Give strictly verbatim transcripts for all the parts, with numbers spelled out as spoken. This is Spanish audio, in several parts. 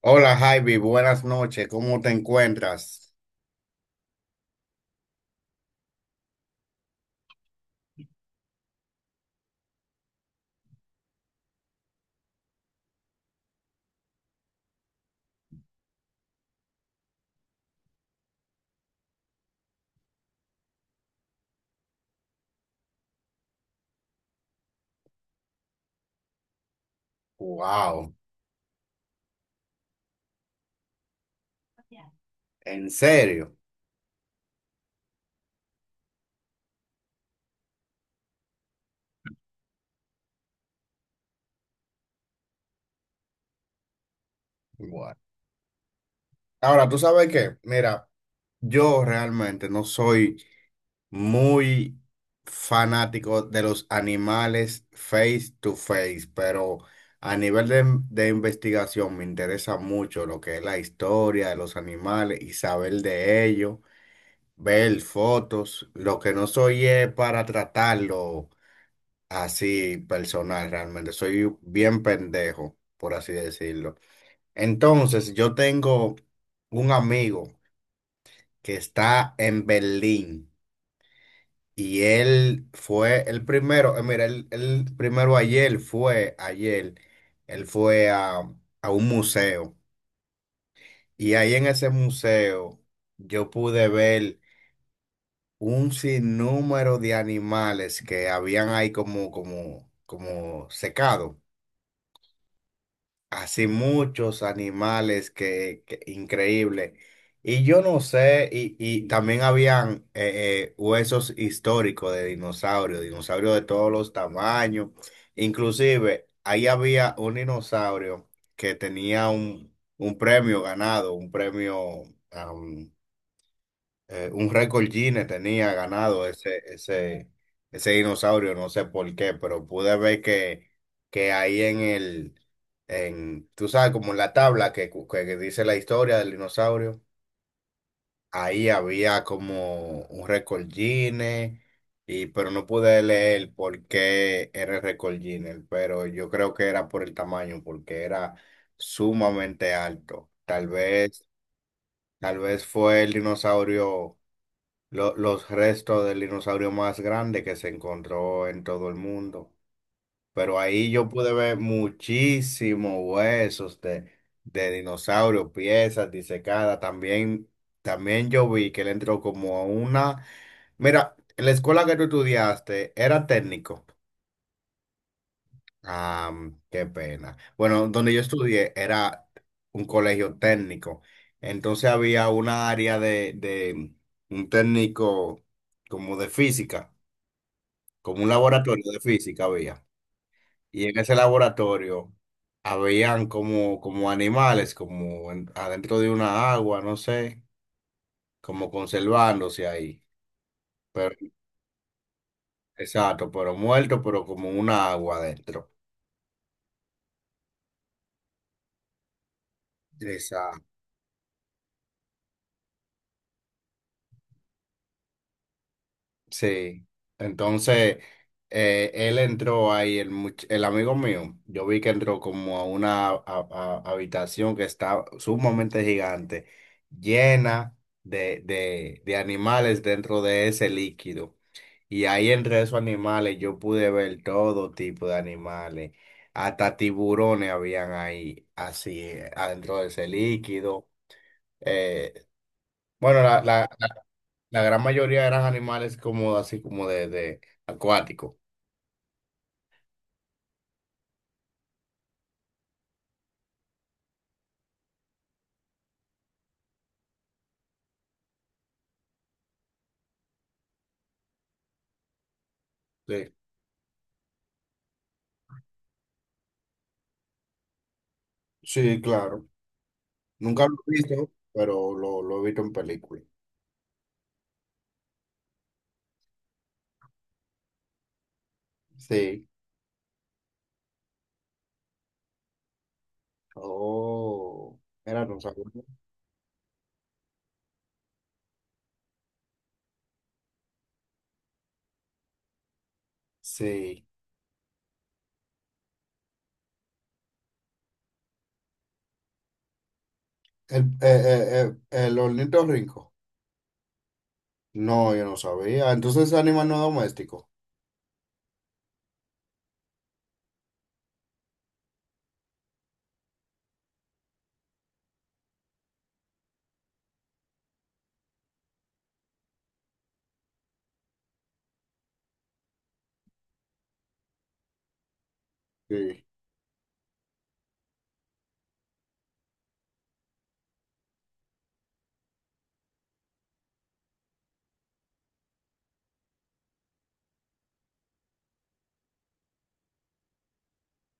Hola Javi, buenas noches, ¿cómo te encuentras? Wow, en serio. Bueno. Ahora, ¿tú sabes qué? Mira, yo realmente no soy muy fanático de los animales face to face, pero a nivel de, de investigación me interesa mucho lo que es la historia de los animales y saber de ellos, ver fotos. Lo que no soy es para tratarlo así personal realmente. Soy bien pendejo, por así decirlo. Entonces, yo tengo un amigo que está en Berlín. Y él fue el primero, eh, mira, el, el primero ayer fue, ayer, él fue a, a un museo y ahí en ese museo yo pude ver un sinnúmero de animales que habían ahí como, como, como secado. Así muchos animales que, que- increíble. Y yo no sé, y, y también habían eh, eh, huesos históricos de dinosaurios, dinosaurios de todos los tamaños. Inclusive, ahí había un dinosaurio que tenía un, un premio ganado, un premio eh, un récord Guinness tenía ganado ese, ese, ese dinosaurio, no sé por qué, pero pude ver que, que ahí en el, en, tú sabes, como en la tabla que, cu- que que dice la historia del dinosaurio, ahí había como un récord Guinness, y, pero no pude leer por qué era el récord Guinness, pero yo creo que era por el tamaño, porque era sumamente alto. Tal vez, tal vez fue el dinosaurio lo- los restos del dinosaurio más grande que se encontró en todo el mundo. Pero ahí yo pude ver muchísimos huesos de, de dinosaurio, piezas disecadas. También, también yo vi que él entró como a una... Mira, en la escuela que tú estudiaste era técnico. Ah, qué pena. Bueno, donde yo estudié era un colegio técnico. Entonces había una área de, de un técnico como de física. Como un laboratorio de física había. Y en ese laboratorio habían como, como animales, como en- adentro de una agua, no sé, como conservándose ahí. Pero, exacto, pero muertos, pero como una agua adentro. Exacto. Sí, entonces eh, él entró ahí, el, much- el amigo mío, yo vi que entró como a una a- a- habitación que está sumamente gigante, llena de, de, de animales dentro de ese líquido. Y ahí entre esos animales yo pude ver todo tipo de animales, hasta tiburones habían ahí, así, eh, adentro de ese líquido. Eh, bueno, la, la- la gran mayoría eran animales como así como de, de acuático. Sí, sí, claro. Nunca lo he visto, pero lo, lo he visto en películas. Sí. Oh, era no sabía. Sí. El, eh, eh, eh, el ornitorrinco. No, yo no sabía. Entonces es animal no doméstico. Sí.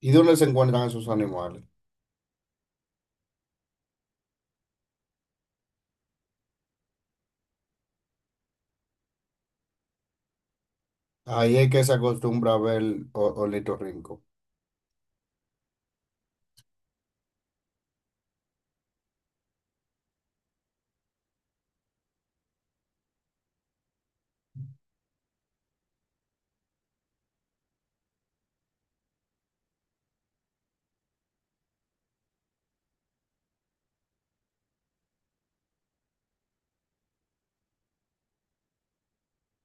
¿Y dónde se encuentran esos animales? Ahí es que se acostumbra a ver el o- ornitorrinco.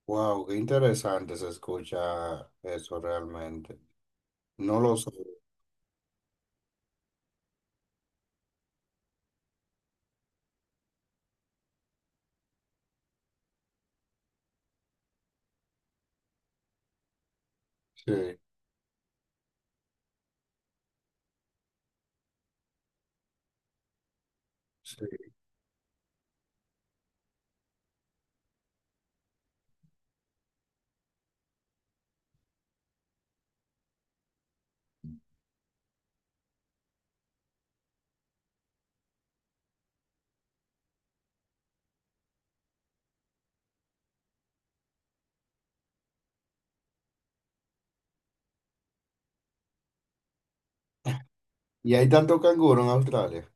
Wow, qué interesante se escucha eso realmente. No lo sé. Sí. Sí. Y hay tanto canguro en Australia.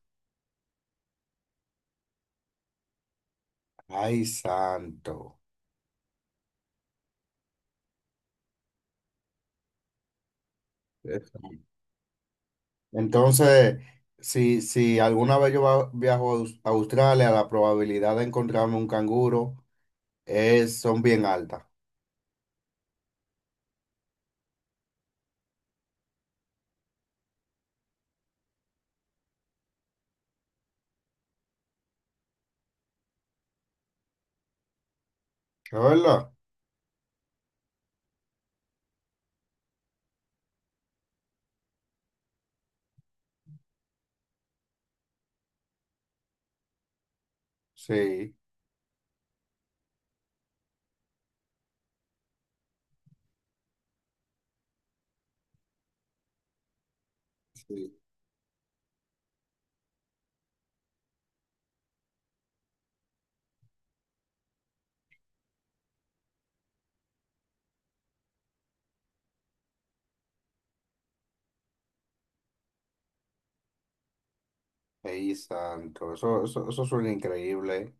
Ay, santo. Eso. Entonces, si, si alguna vez yo va- viajo a Aus- a Australia, la probabilidad de encontrarme un canguro es, son bien altas. ¿Es verdad? Sí. Sí. Ay, santo. Eso, eso, eso suena increíble.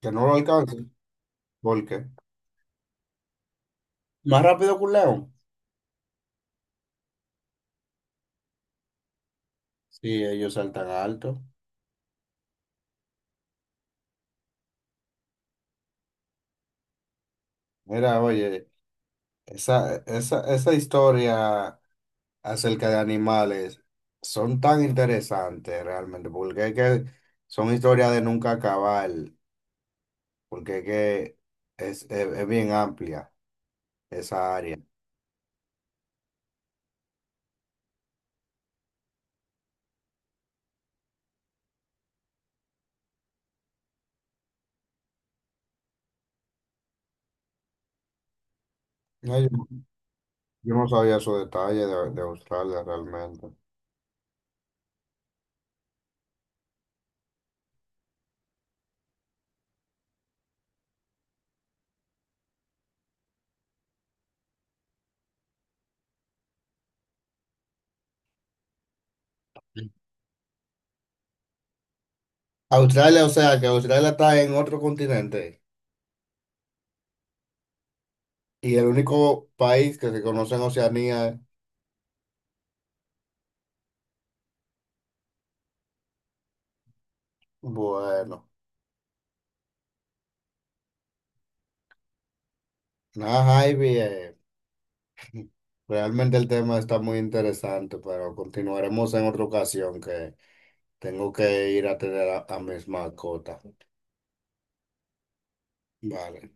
Que no lo alcance. ¿Por qué? Más rápido que un león. Sí, ellos saltan alto. Mira, oye, esa, esa, esa historia acerca de animales son tan interesantes realmente, porque es que son historias de nunca acabar, porque es que es, es- es bien amplia esa área. No, yo, yo no sabía su detalle de, de Australia realmente. Australia, o sea, que Australia está en otro continente y el único país que se conoce en Oceanía, es... Bueno, nada, Ivy, eh, realmente el tema está muy interesante, pero continuaremos en otra ocasión que... Tengo que ir a tener a, a mis mascotas. Vale.